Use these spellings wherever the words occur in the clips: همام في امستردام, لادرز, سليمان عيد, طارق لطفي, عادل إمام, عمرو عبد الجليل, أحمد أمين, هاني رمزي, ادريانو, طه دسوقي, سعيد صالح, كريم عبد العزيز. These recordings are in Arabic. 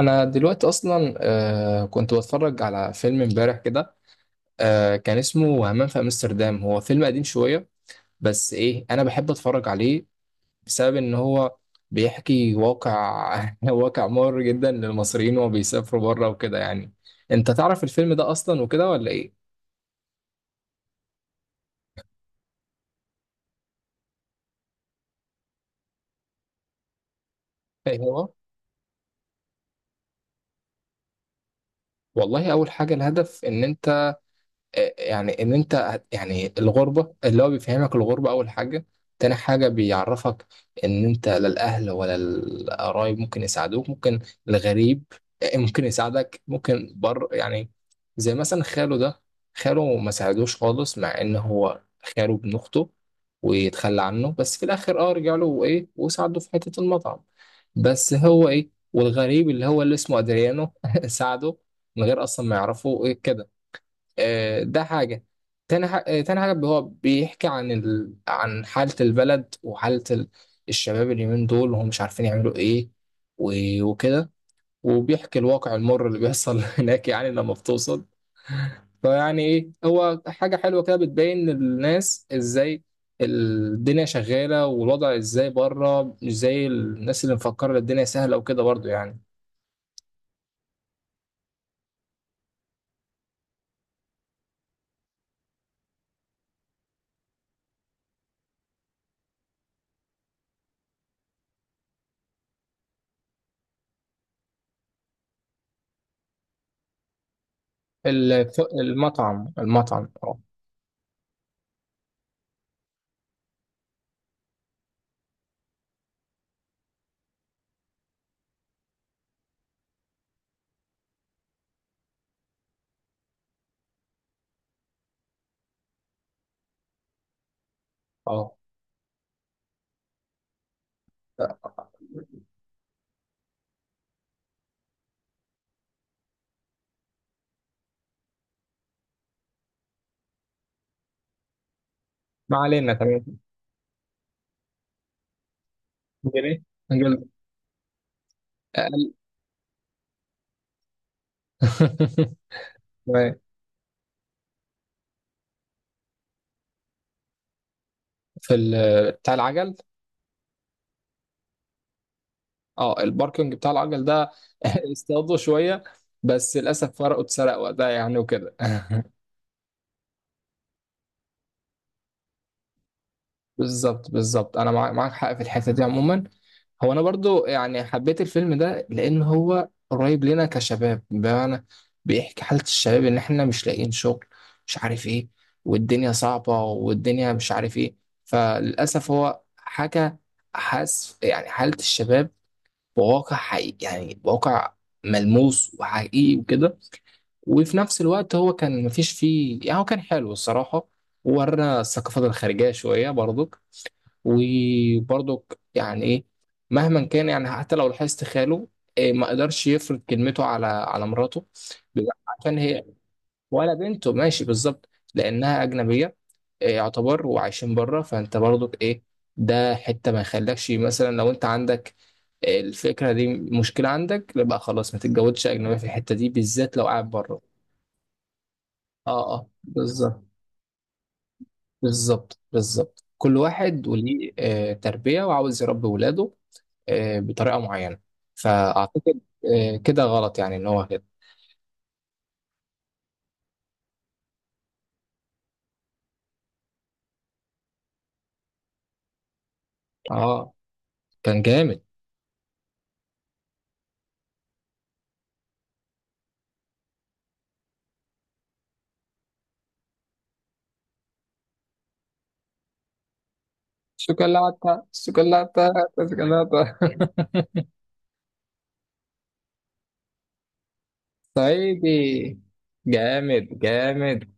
انا دلوقتي اصلا. كنت بتفرج على فيلم امبارح كده. كان اسمه همام في امستردام، هو فيلم قديم شويه، بس ايه انا بحب اتفرج عليه بسبب ان هو بيحكي واقع واقع مر جدا للمصريين وهو بيسافروا بره وكده يعني. انت تعرف الفيلم ده اصلا وكده ولا ايه؟ إيه هو؟ والله اول حاجه الهدف ان انت، يعني ان انت يعني الغربه، اللي هو بيفهمك الغربه اول حاجه. تاني حاجه بيعرفك ان انت لا الاهل ولا القرايب ممكن يساعدوك، ممكن الغريب ممكن يساعدك، ممكن بر يعني. زي مثلا خاله ده، خاله ما ساعدوش خالص، مع ان هو خاله ابن اخته، ويتخلى عنه، بس في الاخر اه رجع له وايه وساعده في حته المطعم. بس هو ايه، والغريب اللي هو اللي اسمه ادريانو ساعده من غير اصلا ما يعرفه ايه كده. ده حاجة. تاني حاجة، تاني حاجة هو بيحكي عن عن حالة البلد وحالة الشباب اليومين دول، وهم مش عارفين يعملوا ايه و... وكده، وبيحكي الواقع المر اللي بيحصل هناك يعني لما بتوصل. فيعني ايه، هو حاجة حلوة كده، بتبين للناس ازاي الدنيا شغالة، والوضع ازاي بره، مش زي الناس اللي مفكرة الدنيا سهلة وكده برضو يعني. المطعم المطعم اه. اه، ما علينا. تمام. جنيه. جلد. اقل. تمام. في بتاع العجل. اه الباركنج بتاع العجل ده. اصطادوا شويه، بس للاسف فرقه اتسرق وقتها يعني وكده. بالظبط، بالظبط، انا معاك حق في الحته دي عموما. هو انا برضو يعني حبيت الفيلم ده لان هو قريب لنا كشباب، بمعنى بيحكي حاله الشباب، ان احنا مش لاقيين شغل، مش عارف ايه، والدنيا صعبه، والدنيا مش عارف ايه. فللاسف هو حاجه، حاس يعني حاله الشباب بواقع حقيقي، يعني بواقع ملموس وحقيقي وكده. وفي نفس الوقت هو كان مفيش فيه يعني، هو كان حلو الصراحه، وورنا الثقافات الخارجيه شويه برضو. وبرضك يعني ايه، مهما كان يعني، حتى لو لاحظت خاله، إيه ما قدرش يفرض كلمته على على مراته. بيبقى عشان هي، ولا بنته، ماشي بالظبط، لانها اجنبيه إيه، يعتبر وعايشين بره. فانت برضك ايه، ده حته ما يخلكش مثلا، لو انت عندك الفكره دي مشكله عندك، لا بقى خلاص ما تتجوزش اجنبيه في الحته دي بالذات لو قاعد بره. اه اه بالظبط، بالظبط، بالظبط، كل واحد وليه تربيه وعاوز يربي ولاده بطريقه معينه. فاعتقد كده غلط يعني ان هو كده. اه. كان جامد. شوكولاته شوكولاته شوكولاته. صعيدي. جامد جامد.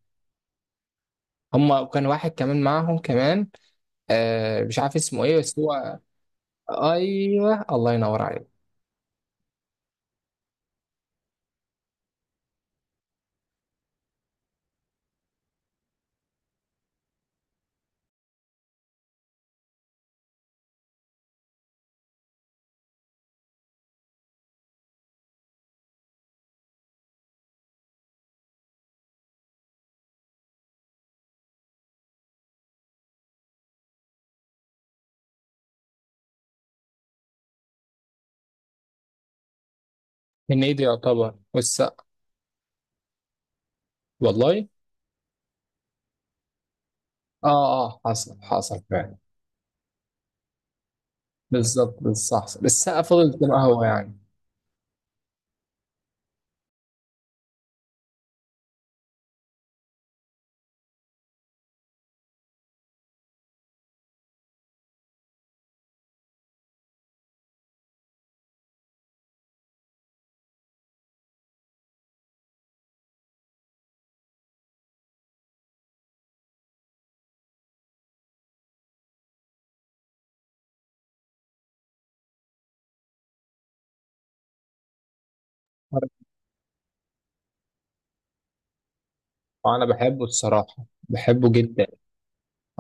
هما، وكان واحد كمان معاهم كمان، آه مش عارف اسمه ايه بس هو. ايوه، الله ينور عليك. هنيدي يعتبر، والسقا. والله. اه اه حصل، حصل فعلا. بالظبط، بالظبط، السقا فضل زي ما هو يعني. وانا بحبه الصراحه، بحبه جدا.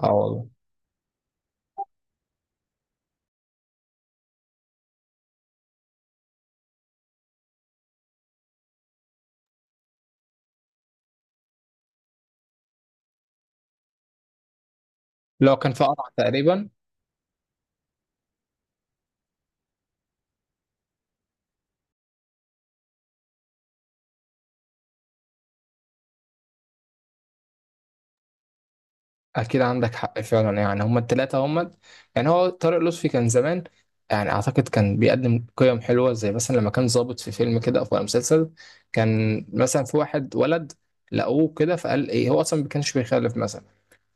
اه والله. لو كان في قرع تقريبا. اكيد عندك حق فعلا يعني، هما التلاتة هما، يعني هو طارق لطفي كان زمان، يعني اعتقد كان بيقدم قيم حلوه. زي مثلا لما كان ظابط في فيلم كده او في مسلسل، كان مثلا في واحد ولد لقوه كده، فقال ايه، هو اصلا ما كانش بيخالف مثلا،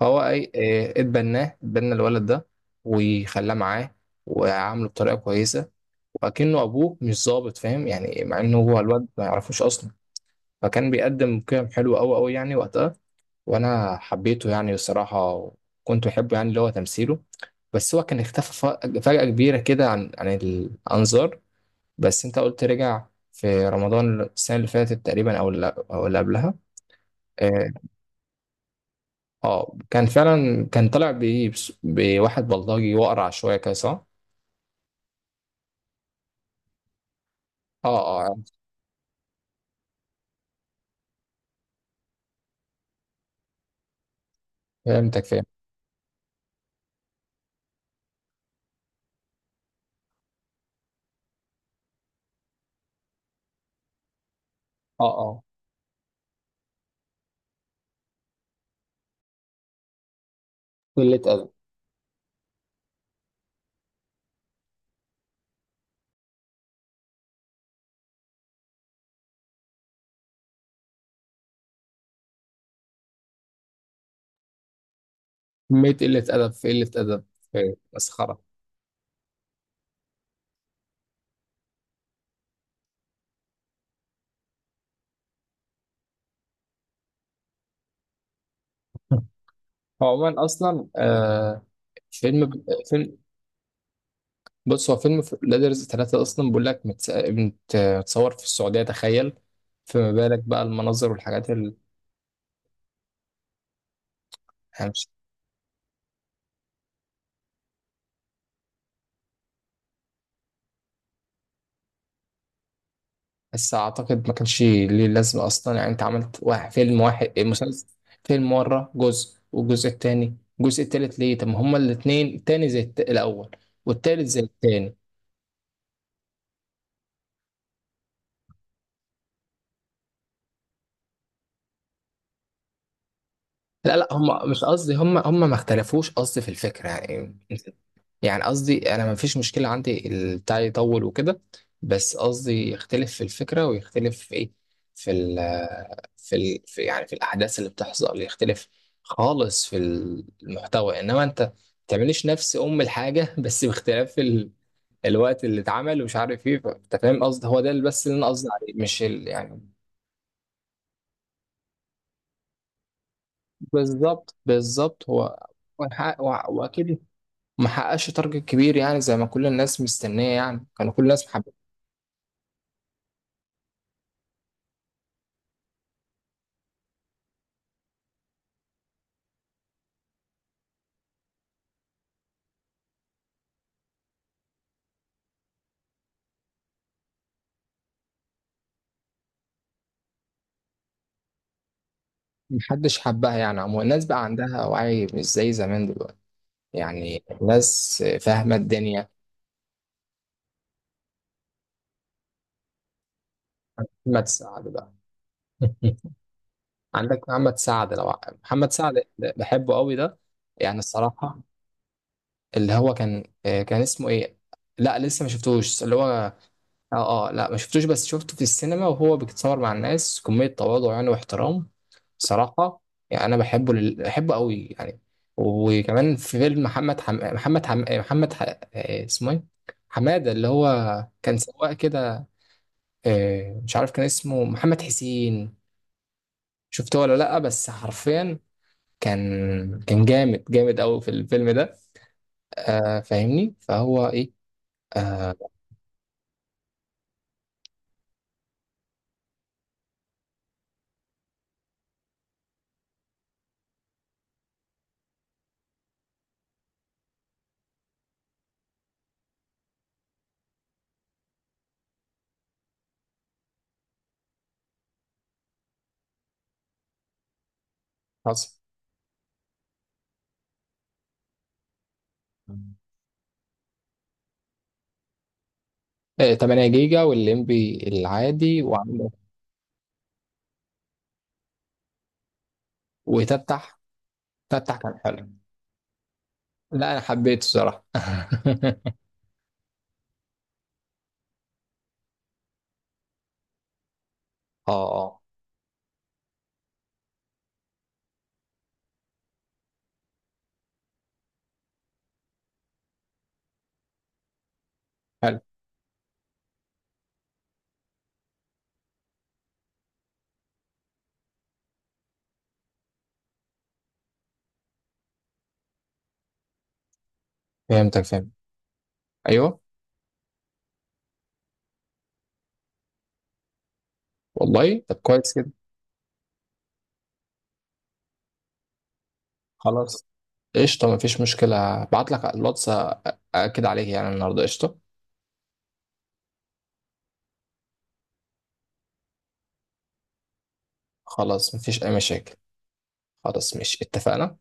فهو ايه، إيه، اتبناه، اتبنى الولد ده، وخلاه معاه، وعامله بطريقه كويسه، وأكنه ابوه، مش ظابط، فاهم يعني، مع انه هو الواد ما يعرفوش اصلا. فكان بيقدم قيم حلوه قوي قوي يعني وقتها، وانا حبيته يعني الصراحه، وكنت بحبه يعني اللي هو تمثيله. بس هو كان اختفى فجأة كبيرة كده، عن عن الأنظار. بس أنت قلت رجع في رمضان السنة اللي فاتت تقريبا، أو اللي أو اللي قبلها. آه. كان فعلا كان طالع بإيه، بواحد بلطجي وأقرع شوية كده، صح؟ آه. آه فهمتك، فاهم. آه آه قلة أدب. كمية قلة أدب، في قلة أدب، في مسخرة. هو عموما أصلا آه فيلم، فيلم، بص هو فيلم لادرز ثلاثة أصلا، بقول لك متصور في السعودية، تخيل. فما بالك بقى المناظر والحاجات اللي يعني بس أعتقد ما كانش ليه لازمة أصلا، يعني أنت عملت واحد فيلم، واحد إيه، مسلسل، فيلم مرة جزء، والجزء التاني، الجزء التالت ليه؟ طب ما هما الاتنين التاني زي الأول، والتالت زي التاني. لا لا هم مش قصدي، هم ما اختلفوش، قصدي في الفكرة يعني. يعني قصدي انا ما فيش مشكلة عندي البتاع يطول وكده، بس قصدي يختلف في الفكرة، ويختلف في ايه، في ال في يعني في الاحداث اللي بتحصل، يختلف خالص في المحتوى. انما انت ما تعمليش نفس ام الحاجة بس باختلاف ال الوقت اللي اتعمل ومش عارف ايه، انت فاهم قصدي، هو ده اللي بس اللي انا قصدي عليه، مش يعني. بالظبط، بالظبط، هو واكيد ما حققش تارجت كبير، يعني زي ما كل الناس مستنيه يعني، كانوا كل الناس محب. محدش حبها يعني عموما، الناس بقى عندها وعي مش زي زمان دلوقتي، يعني الناس فاهمه الدنيا. محمد سعد بقى. عندك محمد سعد، لو محمد سعد بحبه قوي ده يعني الصراحه. اللي هو كان كان اسمه ايه؟ لا لسه ما شفتوش، اللي هو. اه اه لا ما شفتوش، بس شفته في السينما وهو بيتصور مع الناس، كمية تواضع يعني واحترام صراحة. يعني انا بحبه لل... بحبه قوي يعني. وكمان في فيلم محمد حم... محمد حم... محمد ح... اسمه ايه، حمادة، اللي هو كان سواق كده، مش عارف، كان اسمه محمد حسين، شفته ولا لا؟ بس حرفيا كان، كان جامد، جامد قوي في الفيلم ده. آه فاهمني، فهو ايه، آه حصل. آه 8 جيجا، والليمبي العادي، وعندك وتفتح. تفتح كان حلو. لا انا حبيته الصراحه. اه اه حلو. فهمتك، فهمت. ايوه. والله طب كويس كده. خلاص، قشطه مفيش مشكله، ابعت لك على الواتس. اكد عليك يعني النهارده، قشطه. خلاص، مفيش اي مشاكل. خلاص، مش اتفقنا؟